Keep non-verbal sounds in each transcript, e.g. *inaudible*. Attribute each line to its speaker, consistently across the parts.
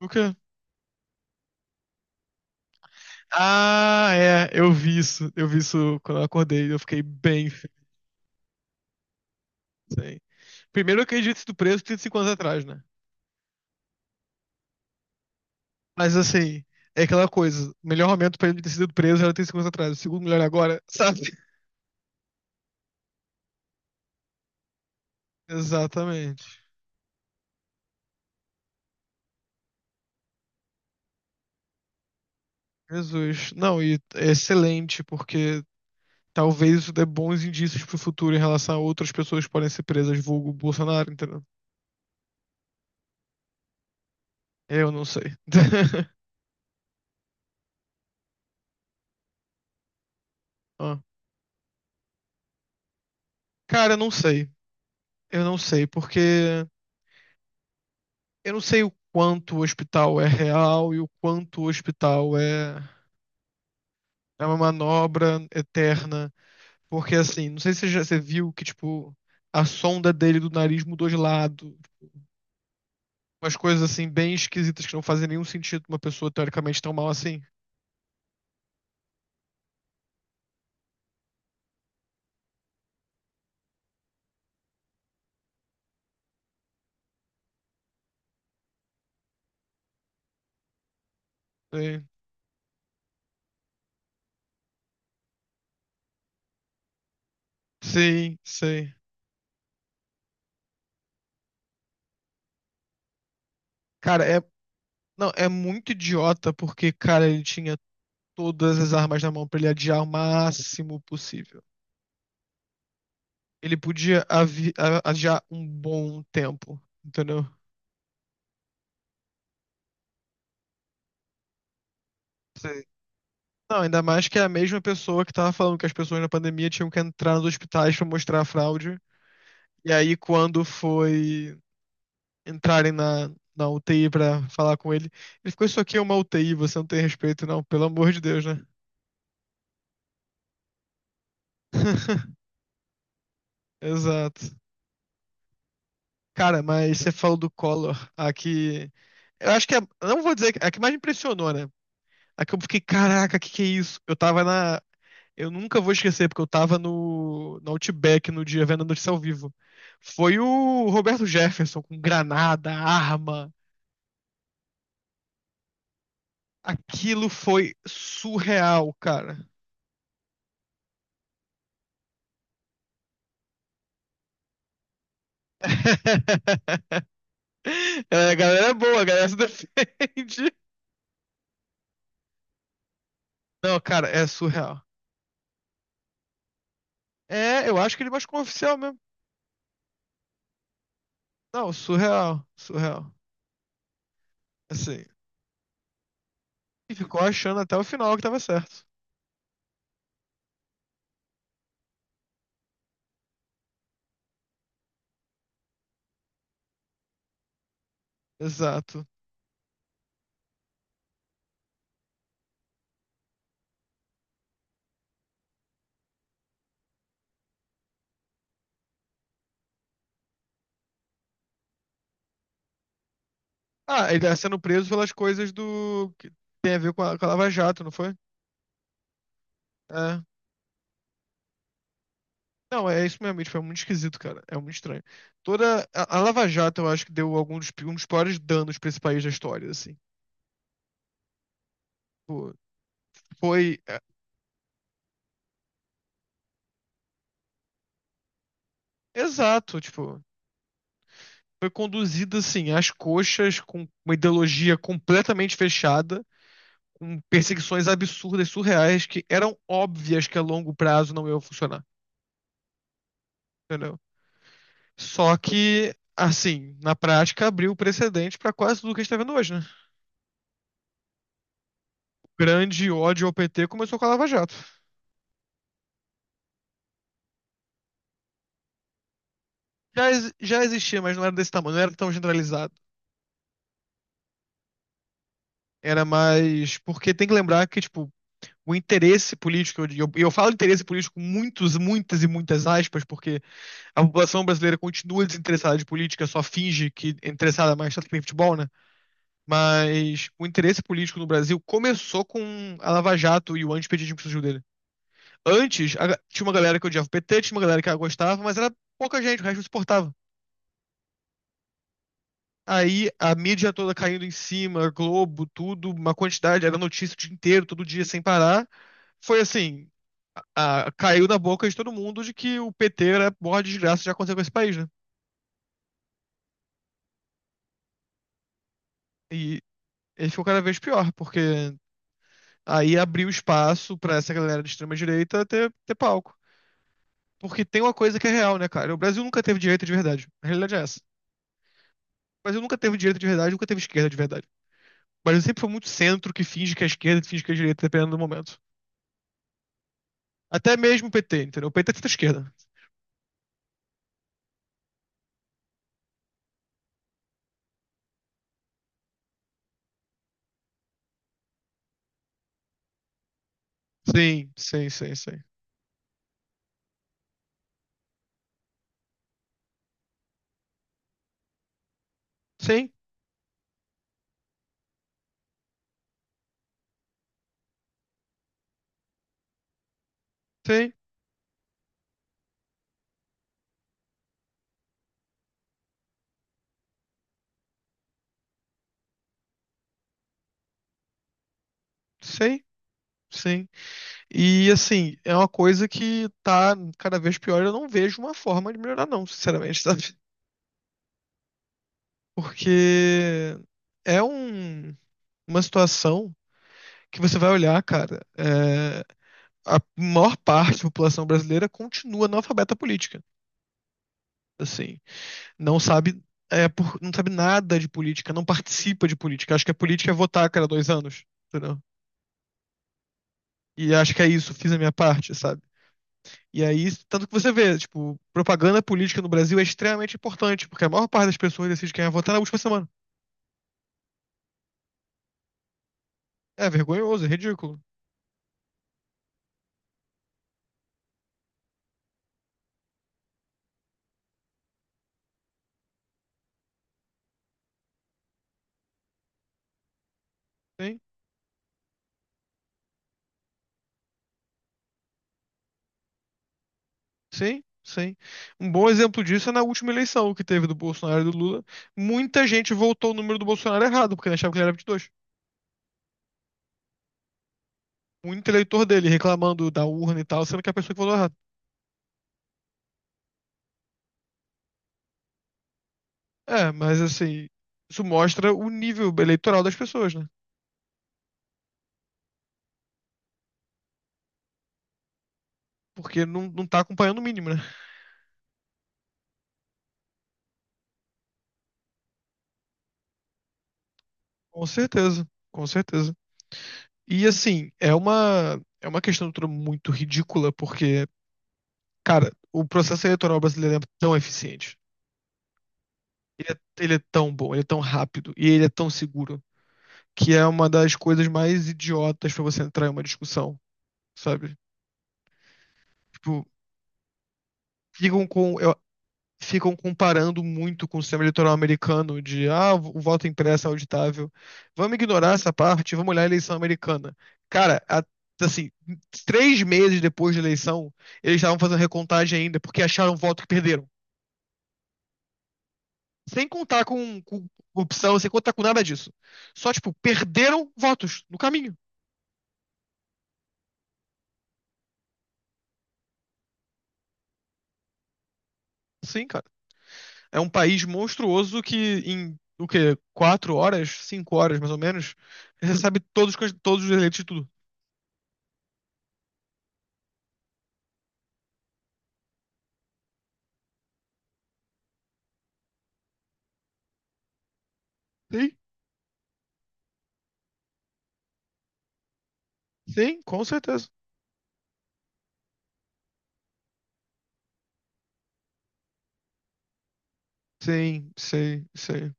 Speaker 1: O quê? Ah, é, eu vi isso. Eu vi isso quando eu acordei. Eu fiquei bem feliz. Hein. Primeiro, eu acredito ter sido preso 35 anos atrás, né? Mas assim, é aquela coisa. O melhor momento pra ele ter sido preso era 35 anos atrás. O segundo melhor é agora, sabe? *laughs* Exatamente. Jesus. Não, e é excelente, porque talvez isso dê bons indícios pro futuro em relação a outras pessoas que podem ser presas, vulgo Bolsonaro, entendeu? Eu não sei. *laughs* Ó. Cara, eu não sei. Eu não sei, porque. Eu não sei o quanto o hospital é real e o quanto o hospital é uma manobra eterna. Porque, assim, não sei se você já você viu que, tipo, a sonda dele do nariz mudou de lado. Umas coisas, assim, bem esquisitas que não fazem nenhum sentido pra uma pessoa teoricamente tão mal assim. Sim, sim, sei. Cara, é, não, é muito idiota porque, cara, ele tinha todas as armas na mão pra ele adiar o máximo possível. Ele podia adiar um bom tempo, entendeu? Não, ainda mais que é a mesma pessoa que tava falando que as pessoas na pandemia tinham que entrar nos hospitais pra mostrar a fraude. E aí, quando foi entrarem na UTI pra falar com ele, ele ficou: Isso aqui é uma UTI, você não tem respeito, não, pelo amor de Deus, né? *laughs* Exato. Cara, mas você falou do Collor. Aqui. Eu acho que é. Eu Não vou dizer. A que mais me impressionou, né? A que eu fiquei: Caraca, que é isso? Eu nunca vou esquecer, porque eu tava no Outback no dia vendo a notícia ao vivo. Foi o Roberto Jefferson com granada, arma. Aquilo foi surreal, cara. *laughs* É, a galera é boa, a galera se *laughs* defende. Não, cara, é surreal. É, eu acho que ele machucou um oficial mesmo. Não, surreal, surreal. Assim, e ficou achando até o final que tava certo. Exato. Ah, ele tá sendo preso pelas coisas do que tem a ver com a Lava Jato, não foi? É. Não, é isso mesmo. E, tipo, é muito esquisito, cara. É muito estranho. Toda a Lava Jato, eu acho que deu algum dos, um dos piores danos pra esse país da história, assim. Tipo, foi. É, exato, tipo. Foi conduzida, assim, às coxas, com uma ideologia completamente fechada, com perseguições absurdas, surreais, que eram óbvias que a longo prazo não iam funcionar, entendeu? Só que, assim, na prática abriu precedente pra quase tudo que a gente tá vendo hoje, né? Grande ódio ao PT começou com a Lava Jato. Já existia, mas não era desse tamanho, não era tão generalizado. Era mais. Porque tem que lembrar que, tipo, o interesse político, e eu falo interesse político com muitas e muitas aspas, porque a população brasileira continua desinteressada de política, só finge que é interessada mais tanto que tem futebol, né? Mas o interesse político no Brasil começou com a Lava Jato e o antipetismo que surgiu dele. Antes, tinha uma galera que odiava o PT, tinha uma galera que gostava, mas era pouca gente, o resto não suportava. Aí a mídia toda caindo em cima, Globo, tudo, uma quantidade, era notícia o dia inteiro, todo dia, sem parar. Foi assim, caiu na boca de todo mundo de que o PT era a maior desgraça que já aconteceu com esse país, né? E ele ficou cada vez pior, porque aí abriu espaço pra essa galera de extrema-direita ter palco. Porque tem uma coisa que é real, né, cara? O Brasil nunca teve direita de verdade. A realidade é essa. O Brasil nunca teve direita de verdade, nunca teve esquerda de verdade. O Brasil sempre foi muito centro que finge que é esquerda e finge que é direita, dependendo do momento. Até mesmo o PT, entendeu? O PT é centro-esquerda. Sim, sim, sim, sim. Sim, sim, sim, sim. E assim, é uma coisa que tá cada vez pior. Eu não vejo uma forma de melhorar, não, sinceramente, *laughs* sabe? Porque é uma situação que você vai olhar, cara, é, a maior parte da população brasileira continua analfabeta política. Assim, não sabe, é, não sabe nada de política, não participa de política. Acho que a política é votar a cada 2 anos, entendeu? E acho que é isso, fiz a minha parte, sabe? E aí, tanto que você vê, tipo, propaganda política no Brasil é extremamente importante, porque a maior parte das pessoas decide quem vai votar na última semana. É vergonhoso, é ridículo. Sim, sim, sim. Um bom exemplo disso é na última eleição que teve do Bolsonaro e do Lula. Muita gente votou o número do Bolsonaro errado, porque achava que ele era 22. Muito eleitor dele reclamando da urna e tal, sendo que é a pessoa que votou errado. É, mas assim, isso mostra o nível eleitoral das pessoas, né? Porque não, não tá acompanhando o mínimo, né? Com certeza, com certeza. E assim, é uma questão toda muito ridícula, porque, cara, o processo eleitoral brasileiro é tão eficiente. Ele é tão bom, ele é tão rápido e ele é tão seguro, que é uma das coisas mais idiotas pra você entrar em uma discussão, sabe? Tipo, ficam com. ficam comparando muito com o sistema eleitoral americano de o voto impresso é auditável. Vamos ignorar essa parte, vamos olhar a eleição americana. Cara, assim, 3 meses depois da eleição, eles estavam fazendo recontagem ainda porque acharam o voto que perderam. Sem contar com corrupção, sem contar com nada disso. Só, tipo, perderam votos no caminho. Sim, cara. É um país monstruoso que em, o quê? 4 horas, 5 horas, mais ou menos, recebe todos, todos os eleitos de tudo. Sim. Sim, com certeza. Sim, sim, sim.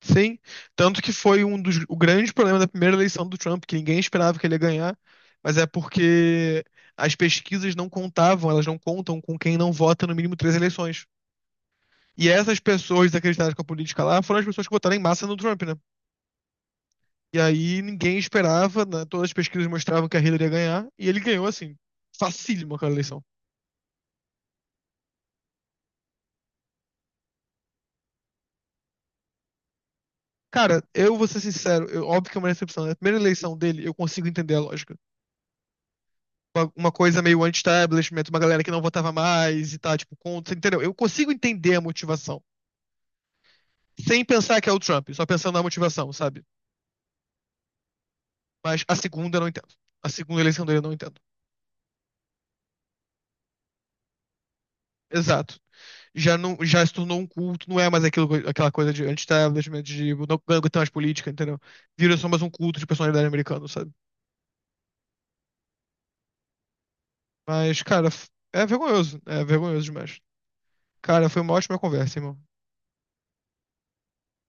Speaker 1: Sim. Tanto que foi um dos o grande problema da primeira eleição do Trump, que ninguém esperava que ele ia ganhar, mas é porque as pesquisas não contavam, elas não contam com quem não vota no mínimo três eleições. E essas pessoas desacreditadas com a política lá foram as pessoas que votaram em massa no Trump, né? E aí ninguém esperava, né? Todas as pesquisas mostravam que a Hillary ia ganhar, e ele ganhou assim, facílimo aquela eleição. Cara, eu vou ser sincero, óbvio que é uma decepção. Na primeira eleição dele, eu consigo entender a lógica. Uma coisa meio anti-establishment, uma galera que não votava mais e tá, tipo, contra, entendeu? Eu consigo entender a motivação, sem pensar que é o Trump, só pensando na motivação, sabe? Mas a segunda eu não entendo. A segunda eleição dele eu não entendo. Exato. Já, não, já se tornou um culto, não é mais aquilo, aquela coisa de anti-establishment, de não não aguentar mais política, entendeu? Vira só mais um culto de personalidade americana, sabe? Mas, cara, é vergonhoso. É vergonhoso demais. Cara, foi uma ótima conversa, irmão.